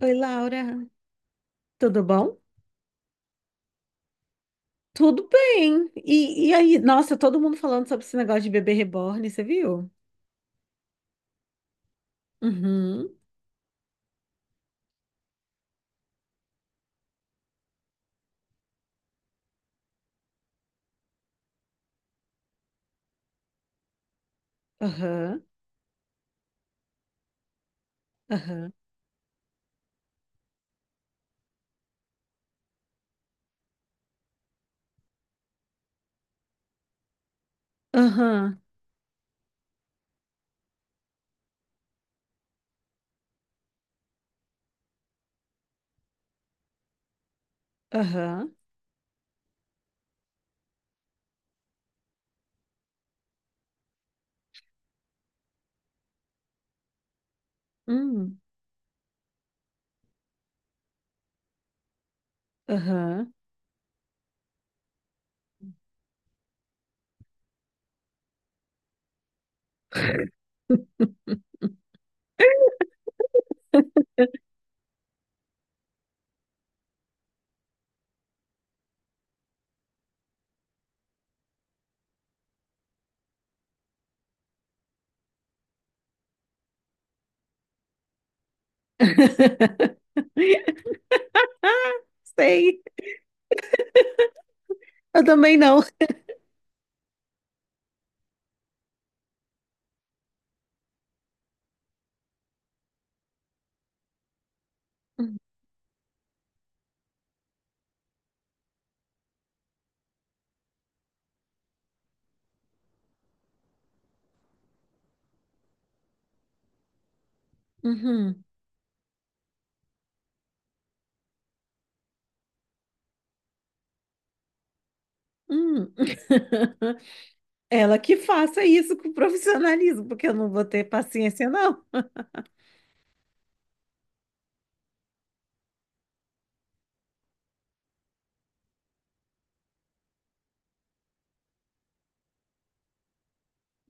Oi, Laura, tudo bom? Tudo bem. E aí, nossa, todo mundo falando sobre esse negócio de bebê reborn, você viu? Uhum, aham, aham, aham, aham, hum, aham. Sei, eu também não. Uhum, hum. Ela que faça isso com profissionalismo, porque eu não vou ter paciência, não.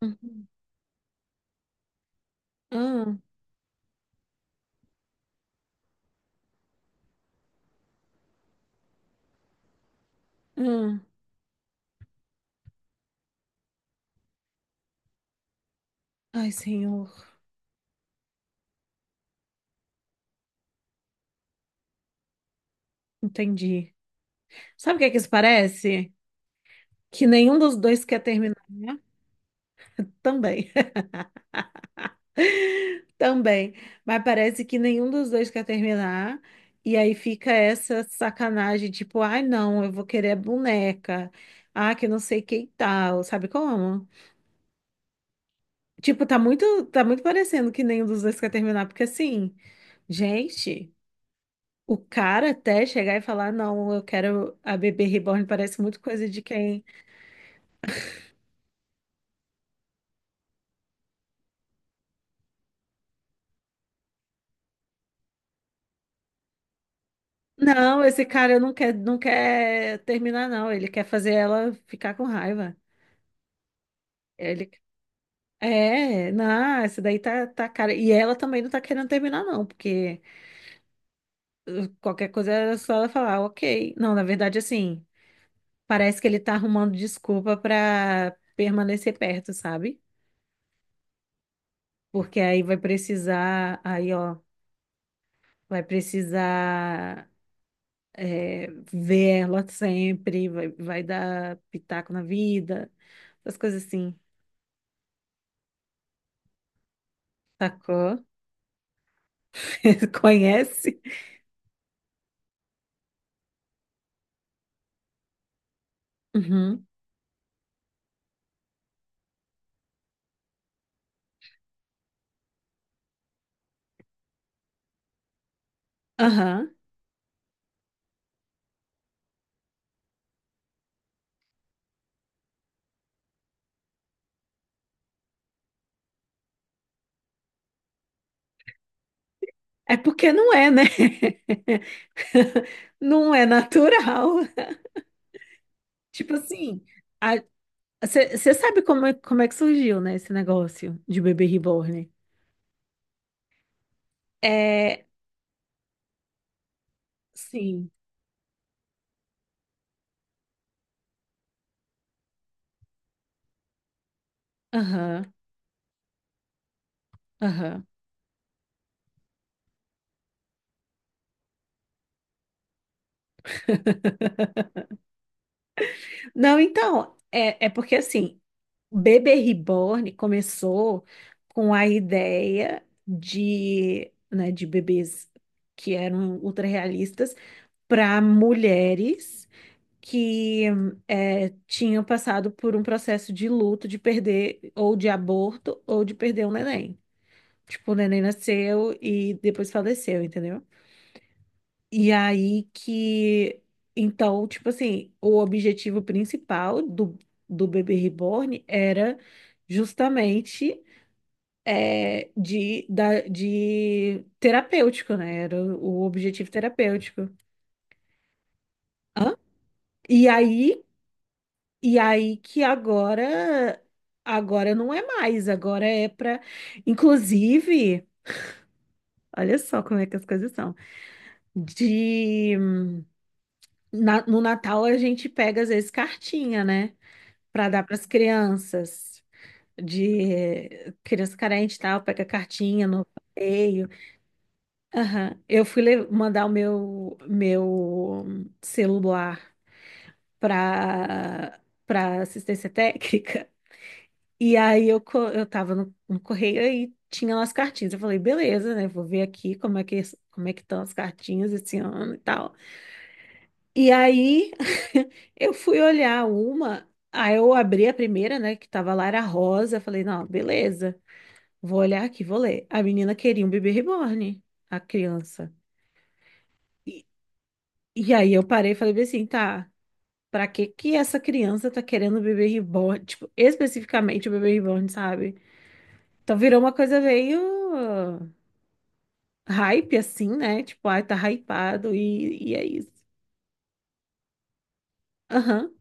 Uhum. Hum, hum. Ai, senhor, entendi. Sabe o que é que isso parece? Que nenhum dos dois quer terminar, né? Também, também. Mas parece que nenhum dos dois quer terminar. E aí fica essa sacanagem, tipo, ai, não, eu vou querer a boneca. Ah, que não sei quem tal, sabe como? Tipo, tá muito parecendo que nenhum dos dois quer terminar, porque assim, gente, o cara até chegar e falar, não, eu quero a bebê reborn, parece muito coisa de quem. Não, esse cara não quer, não quer terminar, não. Ele quer fazer ela ficar com raiva. Ele É, não, essa daí tá cara. E ela também não tá querendo terminar, não, porque qualquer coisa era só ela falar, ok. Não, na verdade, assim, parece que ele tá arrumando desculpa pra permanecer perto, sabe? Porque aí vai precisar, aí, ó, vai precisar é, ver ela sempre, vai, vai dar pitaco na vida, essas coisas assim, sacou? Conhece? Uhum. Aham. É porque não é, né? Não é natural. Tipo assim, você sabe como é que surgiu, né, esse negócio de bebê reborn? É, sim. Aham, aham. Não, então, é porque assim, bebê reborn começou com a ideia de, né, de bebês que eram ultra realistas para mulheres. Que tinham passado por um processo de luto, de perder ou de aborto ou de perder um neném. Tipo, o neném nasceu e depois faleceu, entendeu? E aí que. Então, tipo assim, o objetivo principal do bebê reborn era justamente de terapêutico, né? Era o objetivo terapêutico. Hã? E aí E aí que agora não é mais, agora é para, inclusive, olha só como é que as coisas são. De no Natal a gente pega às vezes cartinha, né, para dar para as crianças de criança carente e tal, pega cartinha no correio. Aham. Eu fui mandar o meu celular para para assistência técnica. E aí eu tava no correio e tinha lá as cartinhas. Eu falei, beleza, né? Vou ver aqui como é que estão as cartinhas esse ano e tal. E aí eu fui olhar uma, aí eu abri a primeira, né? Que tava lá, era rosa. Eu falei, não, beleza, vou olhar aqui, vou ler. A menina queria um bebê reborn, a criança. E, e aí eu parei e falei bem assim, tá. Pra que que essa criança tá querendo um bebê reborn? Tipo, especificamente o bebê reborn, sabe? Então virou uma coisa meio hype assim, né? Tipo, ai, tá hypado e é isso. Aham,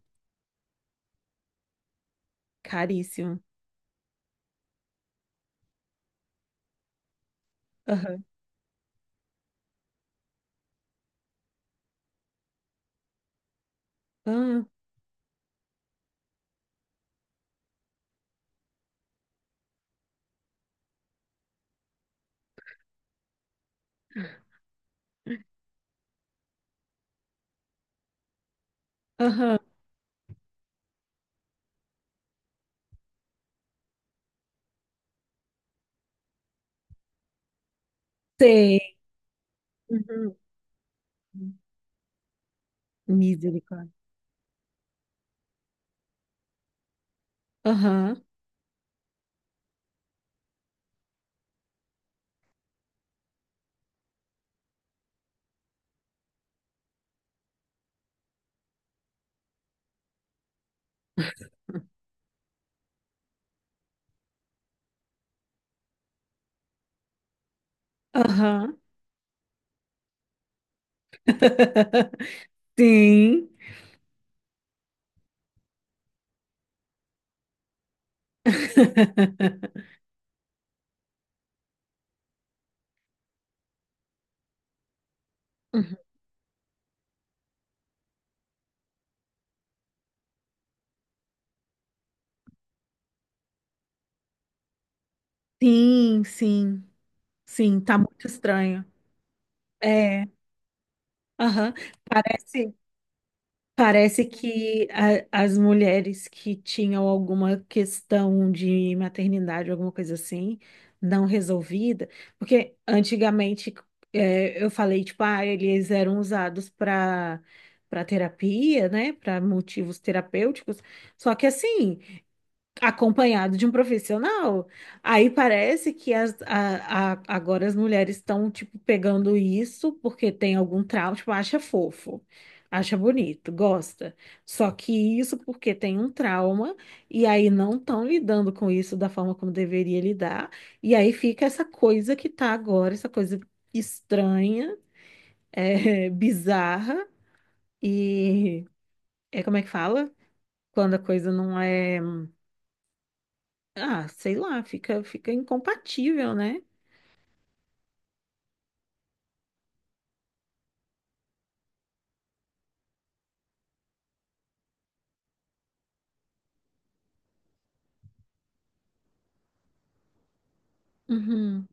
caríssimo. Aham, aham, aham. Sei. Uhum. Misericórdia. Aham, aham. Sim. Uhum. Sim, sim, sim, tá muito estranho. É, aham. Parece. Parece que as mulheres que tinham alguma questão de maternidade, alguma coisa assim, não resolvida, porque antigamente eu falei, tipo, ah, eles eram usados para terapia, né, para motivos terapêuticos, só que assim acompanhado de um profissional. Aí parece que agora as mulheres estão, tipo, pegando isso porque tem algum trauma, tipo, acha fofo, acha bonito, gosta. Só que isso porque tem um trauma e aí não estão lidando com isso da forma como deveria lidar. E aí fica essa coisa que tá agora, essa coisa estranha, é, bizarra e... É como é que fala? Quando a coisa não é, ah, sei lá, fica incompatível, né? Uhum.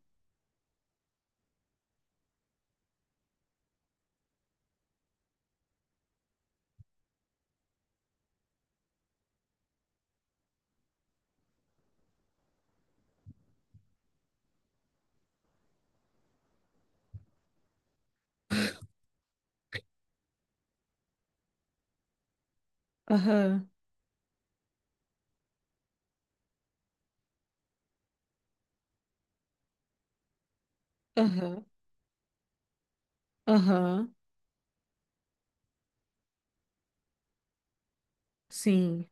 Aham, aham, aham, sim.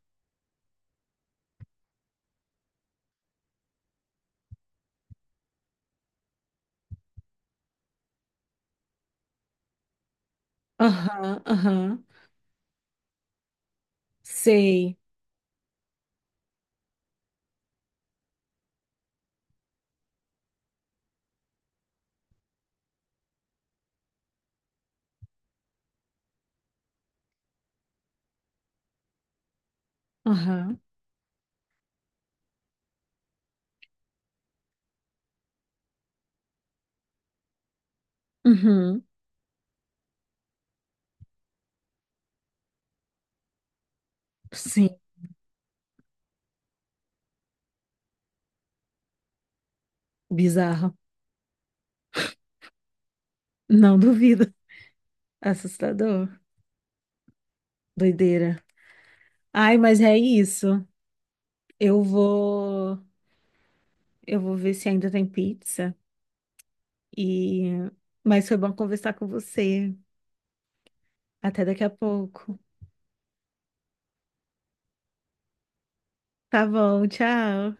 Aham, aham, sei. Aham, uhum, sim. Bizarro. Não duvido. Assustador. Doideira. Ai, mas é isso. Eu vou, eu vou ver se ainda tem pizza. E, mas foi bom conversar com você. Até daqui a pouco. Tá bom, tchau.